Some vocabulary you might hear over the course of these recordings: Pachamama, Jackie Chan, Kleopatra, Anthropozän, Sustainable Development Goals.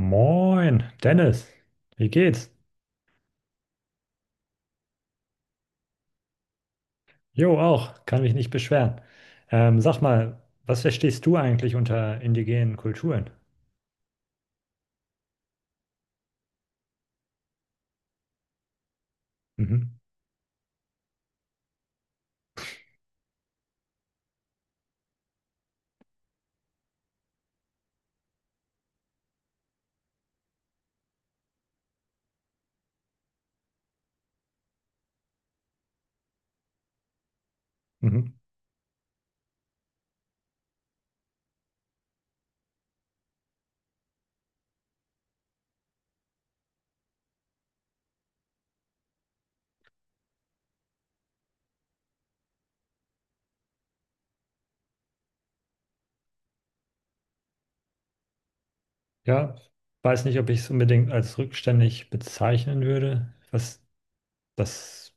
Moin, Dennis. Wie geht's? Jo, auch. Kann mich nicht beschweren. Sag mal, was verstehst du eigentlich unter indigenen Kulturen? Mhm. Mhm. Ja, weiß nicht, ob ich es unbedingt als rückständig bezeichnen würde, was das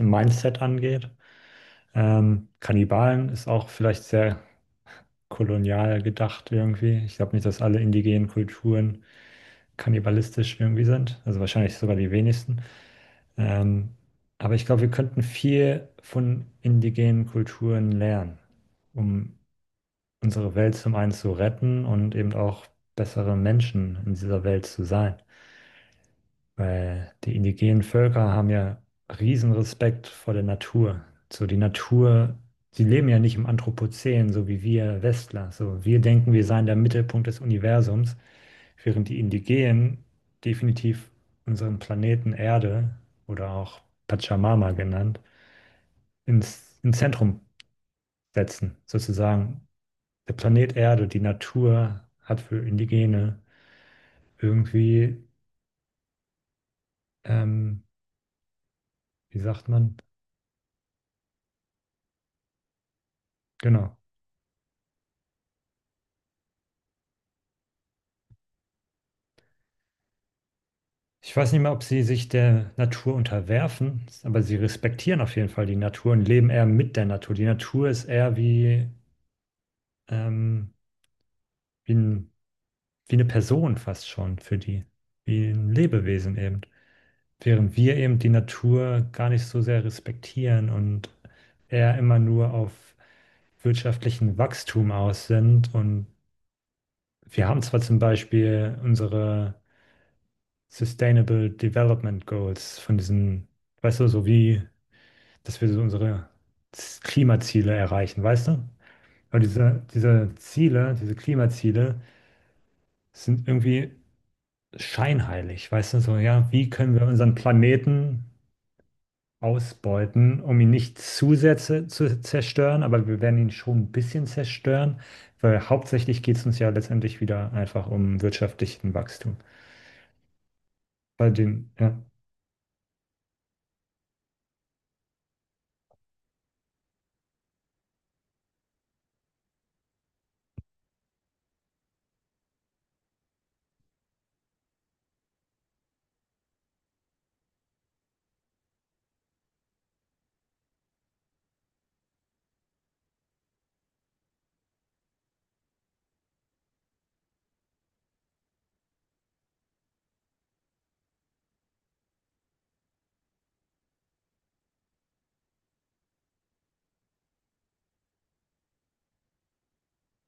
Mindset angeht. Kannibalen ist auch vielleicht sehr kolonial gedacht irgendwie. Ich glaube nicht, dass alle indigenen Kulturen kannibalistisch irgendwie sind. Also wahrscheinlich sogar die wenigsten. Ähm, aber ich glaube, wir könnten viel von indigenen Kulturen lernen, um unsere Welt zum einen zu retten und eben auch bessere Menschen in dieser Welt zu sein. Weil die indigenen Völker haben ja riesen Respekt vor der Natur. So die Natur, sie leben ja nicht im Anthropozän, so wie wir Westler. So wir denken, wir seien der Mittelpunkt des Universums, während die Indigenen definitiv unseren Planeten Erde oder auch Pachamama genannt, ins Zentrum setzen. Sozusagen der Planet Erde, die Natur hat für Indigene irgendwie, ähm, wie sagt man, genau. Ich weiß nicht mehr, ob sie sich der Natur unterwerfen, aber sie respektieren auf jeden Fall die Natur und leben eher mit der Natur. Die Natur ist eher wie, ähm, wie ein, wie eine Person fast schon für die, wie ein Lebewesen eben. Während wir eben die Natur gar nicht so sehr respektieren und eher immer nur auf wirtschaftlichen Wachstum aus sind. Und wir haben zwar zum Beispiel unsere Sustainable Development Goals von diesen, weißt du, so wie dass wir so unsere Klimaziele erreichen, weißt du? Weil diese Ziele, diese Klimaziele sind irgendwie scheinheilig, weißt du? So, ja, wie können wir unseren Planeten ausbeuten, um ihn nicht zu sehr zu zerstören, aber wir werden ihn schon ein bisschen zerstören, weil hauptsächlich geht es uns ja letztendlich wieder einfach um wirtschaftlichen Wachstum. Ja,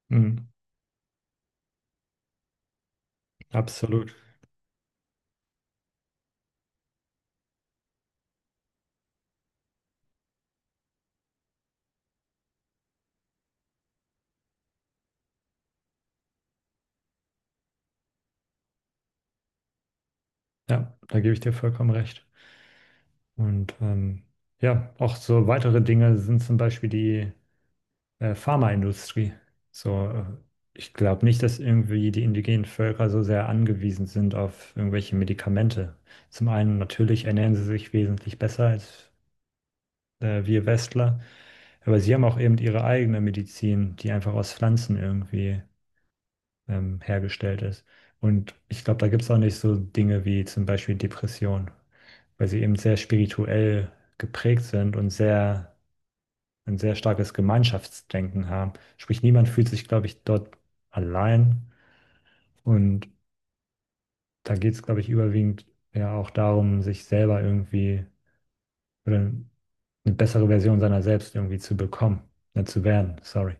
mm, absolut. Ja, da gebe ich dir vollkommen recht. Und ja, auch so weitere Dinge sind zum Beispiel die Pharmaindustrie. So, ich glaube nicht, dass irgendwie die indigenen Völker so sehr angewiesen sind auf irgendwelche Medikamente. Zum einen natürlich ernähren sie sich wesentlich besser als wir Westler, aber sie haben auch eben ihre eigene Medizin, die einfach aus Pflanzen irgendwie hergestellt ist. Und ich glaube, da gibt es auch nicht so Dinge wie zum Beispiel Depression, weil sie eben sehr spirituell geprägt sind und sehr ein sehr starkes Gemeinschaftsdenken haben. Sprich, niemand fühlt sich, glaube ich, dort allein. Und da geht es, glaube ich, überwiegend ja auch darum, sich selber irgendwie oder eine bessere Version seiner selbst irgendwie zu bekommen, ne, zu werden. Sorry.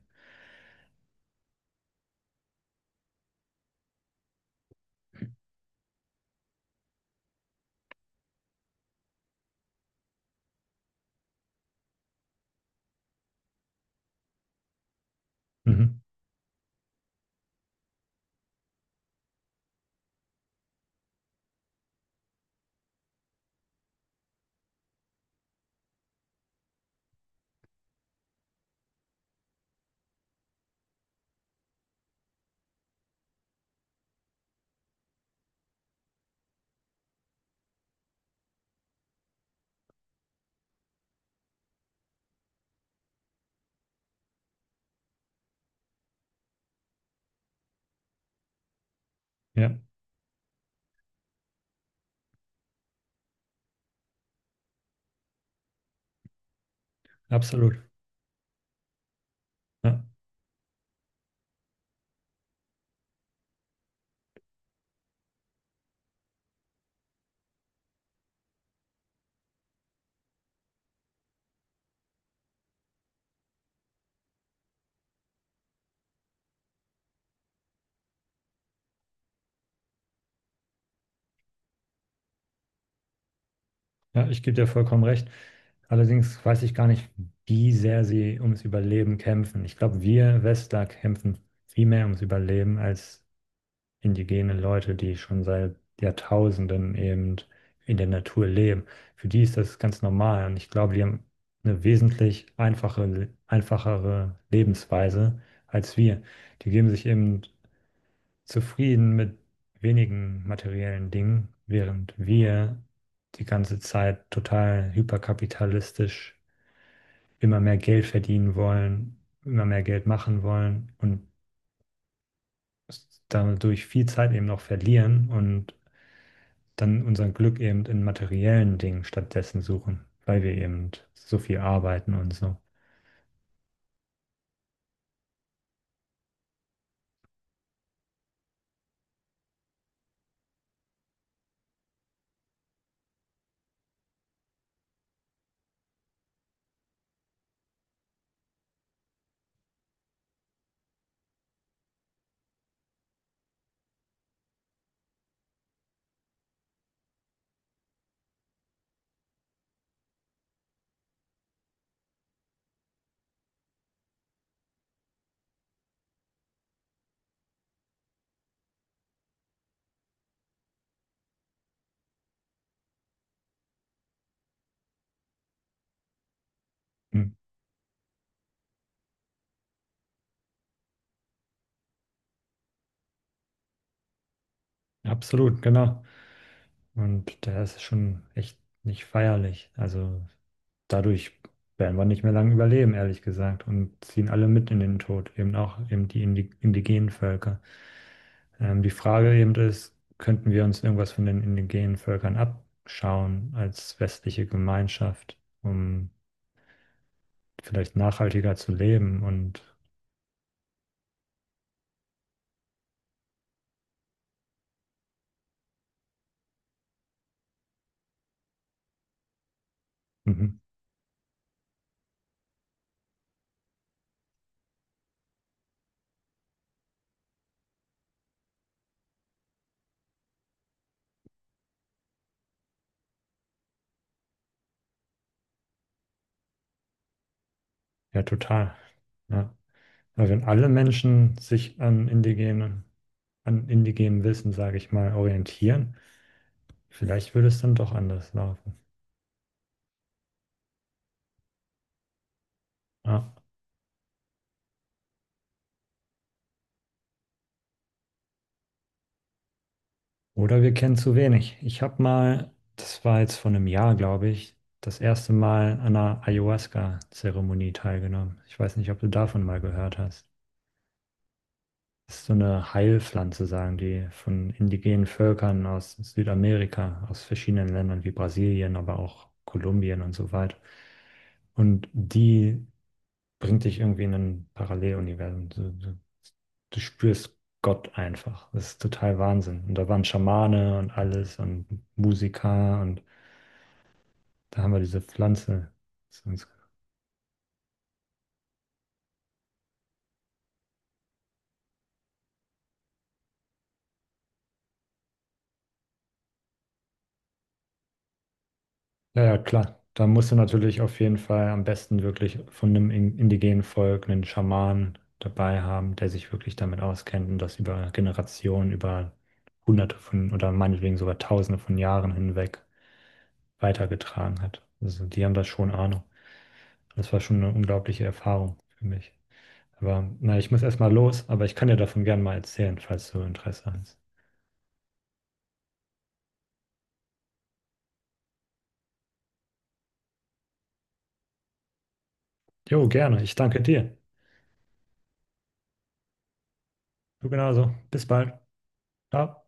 Mhm. Ja, absolut. Ja, ja, ich gebe dir vollkommen recht. Allerdings weiß ich gar nicht, wie sehr sie ums Überleben kämpfen. Ich glaube, wir Westler kämpfen viel mehr ums Überleben als indigene Leute, die schon seit Jahrtausenden eben in der Natur leben. Für die ist das ganz normal und ich glaube, die haben eine wesentlich einfache, einfachere Lebensweise als wir. Die geben sich eben zufrieden mit wenigen materiellen Dingen, während wir die ganze Zeit total hyperkapitalistisch immer mehr Geld verdienen wollen, immer mehr Geld machen wollen und dadurch viel Zeit eben noch verlieren und dann unser Glück eben in materiellen Dingen stattdessen suchen, weil wir eben so viel arbeiten und so. Hm, absolut, genau. Und da ist es schon echt nicht feierlich. Also dadurch werden wir nicht mehr lange überleben, ehrlich gesagt, und ziehen alle mit in den Tod, eben auch eben die indigenen Völker. Die Frage eben ist, könnten wir uns irgendwas von den indigenen Völkern abschauen als westliche Gemeinschaft, um vielleicht nachhaltiger zu leben und ja, total. Ja. Aber wenn alle Menschen sich an indigenem Wissen, sage ich mal, orientieren, vielleicht würde es dann doch anders laufen. Ja. Oder wir kennen zu wenig. Ich habe mal, das war jetzt vor einem Jahr, glaube ich, das erste Mal an einer Ayahuasca-Zeremonie teilgenommen. Ich weiß nicht, ob du davon mal gehört hast. Das ist so eine Heilpflanze, sagen die, von indigenen Völkern aus Südamerika, aus verschiedenen Ländern wie Brasilien, aber auch Kolumbien und so weiter. Und die bringt dich irgendwie in ein Paralleluniversum. Du spürst Gott einfach. Das ist total Wahnsinn. Und da waren Schamane und alles und Musiker und da haben wir diese Pflanze. Das Ja, ja, klar. Da musst du natürlich auf jeden Fall am besten wirklich von einem indigenen Volk einen Schamanen dabei haben, der sich wirklich damit auskennt und das über Generationen, über Hunderte von oder meinetwegen sogar Tausende von Jahren hinweg weitergetragen hat. Also die haben da schon Ahnung. Das war schon eine unglaubliche Erfahrung für mich. Aber na, ich muss erstmal los, aber ich kann dir davon gerne mal erzählen, falls du Interesse hast. Jo, gerne. Ich danke dir. Du genauso. Bis bald. Ciao.